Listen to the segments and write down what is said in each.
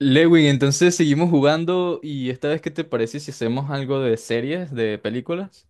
Lewin, entonces seguimos jugando y esta vez, ¿qué te parece si hacemos algo de series, de películas?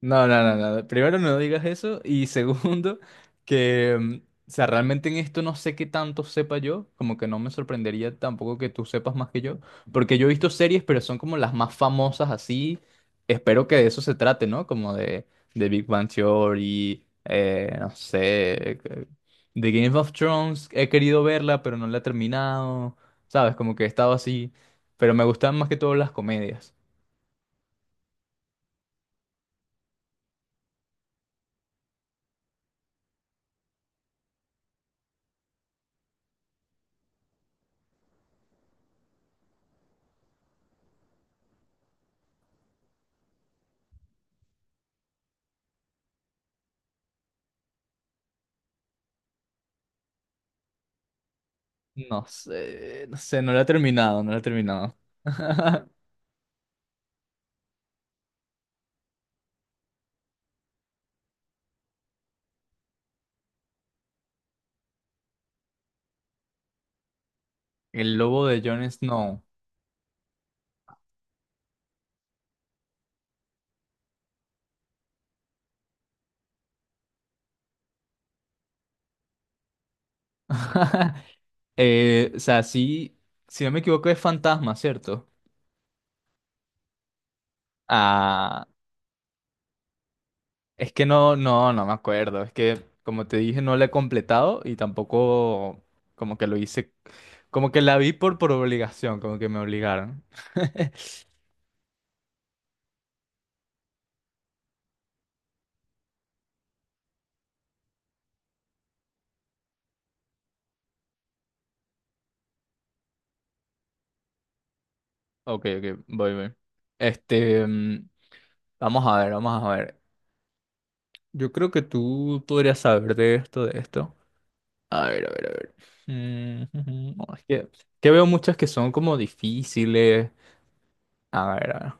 No, no, no, no. Primero no digas eso y segundo que, mm, o sea, realmente en esto no sé qué tanto sepa yo, como que no me sorprendería tampoco que tú sepas más que yo, porque yo he visto series, pero son como las más famosas así. Espero que de eso se trate, ¿no? Como de Big Bang Theory, no sé, de Game of Thrones. He querido verla, pero no la he terminado, ¿sabes? Como que he estado así, pero me gustan más que todo las comedias. No sé, no sé, no la he terminado, no la he terminado. El lobo de Jon Snow. O sea, sí, si no me equivoco es fantasma, ¿cierto? Ah, es que no, no, no me acuerdo. Es que, como te dije, no la he completado y tampoco como que lo hice, como que la vi por obligación, como que me obligaron. Ok, ok, voy, voy. Este, mm, vamos a ver, vamos a ver. Yo creo que tú podrías saber de esto. A ver, a ver, a ver. Mm, ujú. No, es que veo muchas que son como difíciles. A ver, a ver.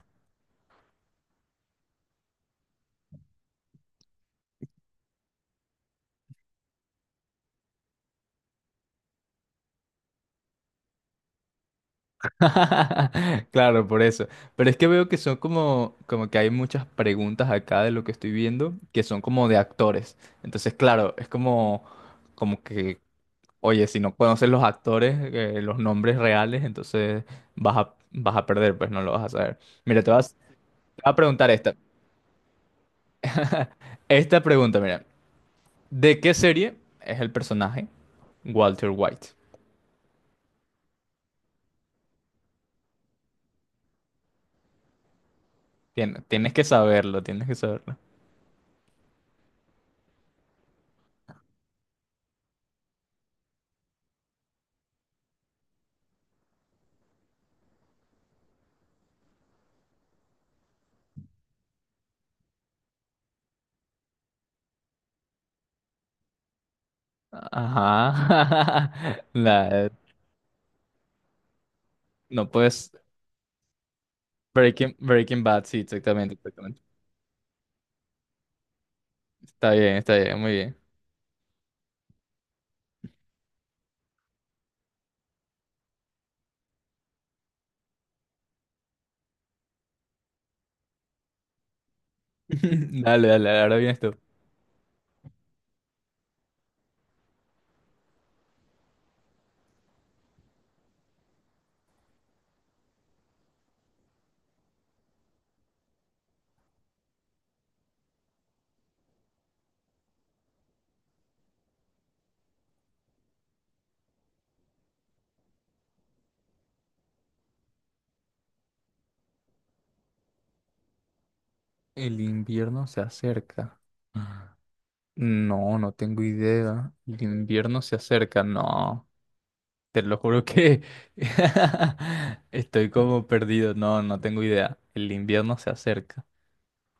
Claro, por eso. Pero es que veo que son como, como que hay muchas preguntas acá de lo que estoy viendo que son como de actores. Entonces, claro, es como, como que, oye, si no conoces los actores, los nombres reales, entonces vas a perder, pues no lo vas a saber. Mira, te vas, te voy a preguntar esta. Esta pregunta, mira. ¿De qué serie es el personaje Walter White? Tienes que saberlo, tienes que saberlo. Ajá. La- no puedes. Breaking Bad, sí, exactamente, exactamente. Está bien, muy bien. Dale, dale, ahora vienes tú. El invierno se acerca. No, no tengo idea. El invierno se acerca. No, te lo juro que estoy como perdido. No, no tengo idea. El invierno se acerca.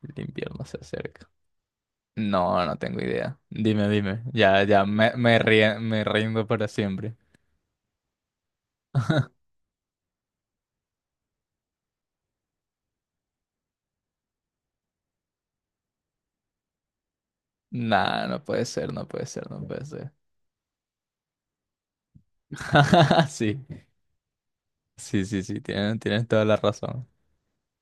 El invierno se acerca. No, no tengo idea. Dime, dime. Me rindo para siempre. Nah, no puede ser, no puede ser, no puede ser. Sí, sí, sí, sí, tienes, tienes toda la razón.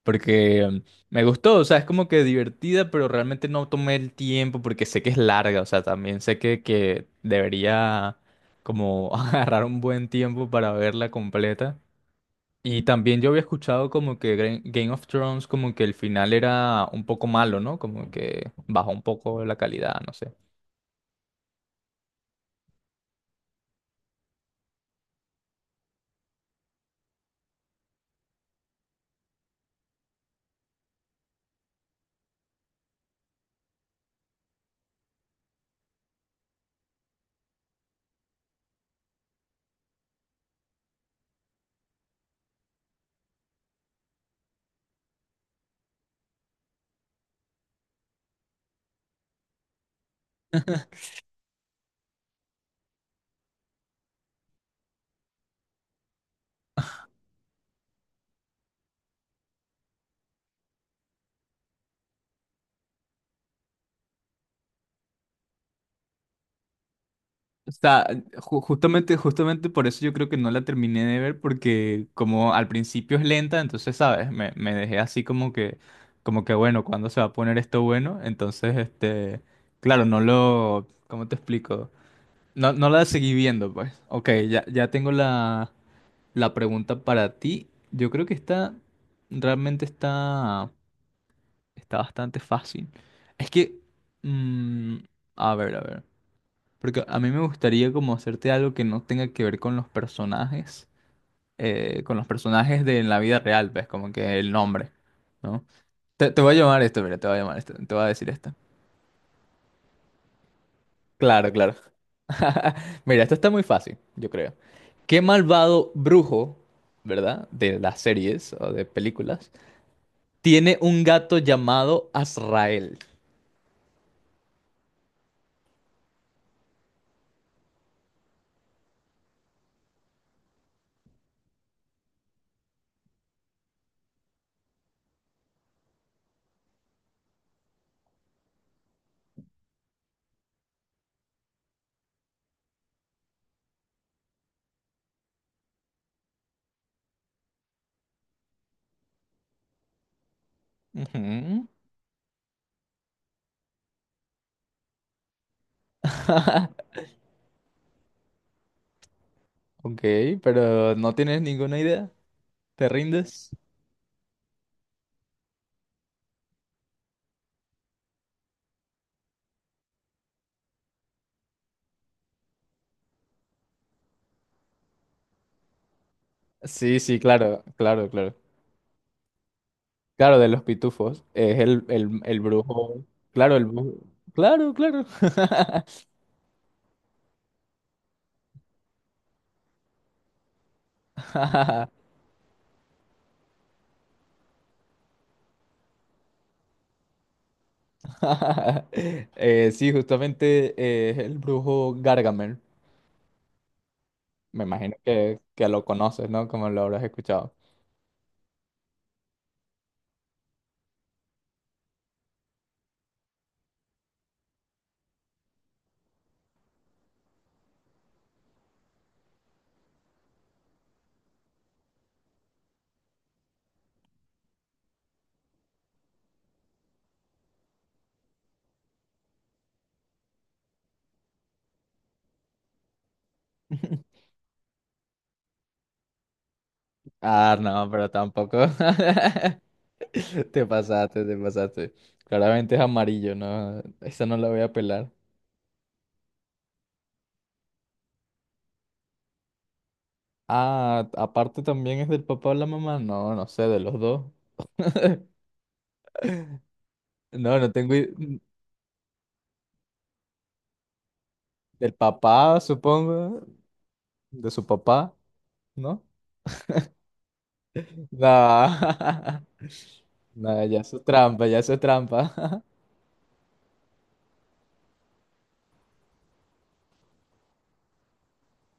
Porque me gustó, o sea, es como que divertida, pero realmente no tomé el tiempo porque sé que es larga, o sea, también sé que debería como agarrar un buen tiempo para verla completa. Y también yo había escuchado como que Game of Thrones, como que el final era un poco malo, ¿no? Como que bajó un poco la calidad, no sé. O sea, justamente por eso yo creo que no la terminé de ver, porque como al principio es lenta, entonces, ¿sabes? Me dejé así como que, bueno, ¿cuándo se va a poner esto bueno? Claro, no lo, ¿cómo te explico? No, no la seguí viendo, pues. Ok, ya tengo la, la pregunta para ti. Yo creo que está, Realmente está, está bastante fácil. Es que, mm, a ver, a ver, porque a mí me gustaría como hacerte algo que no tenga que ver con los personajes de la vida real, pues, como que el nombre, ¿no? Te voy a llamar esto, mira, te voy a llamar esto, te voy a decir esto. Claro, claro. Mira, esto está muy fácil, yo creo. ¿Qué malvado brujo, ¿verdad? De las series o de películas tiene un gato llamado Azrael? Ujú. Ok, pero no tienes ninguna idea. ¿Te rindes? Sí, sí, claro, claro, claro. Claro, de los pitufos. Es el brujo. Claro, el brujo. Claro, claro. Sí, justamente es el brujo Gargamel. Me imagino que lo conoces, ¿no? Como lo habrás escuchado. Ah, no, pero tampoco. Te pasaste, te pasaste. Claramente es amarillo, ¿no? Esa no la voy a pelar. Ah, aparte también es del papá o la mamá. No, no sé, de los dos. No, no tengo... i- Del papá, supongo. De su papá, ¿no? Nah. Nah, ya eso es trampa, ya eso es trampa.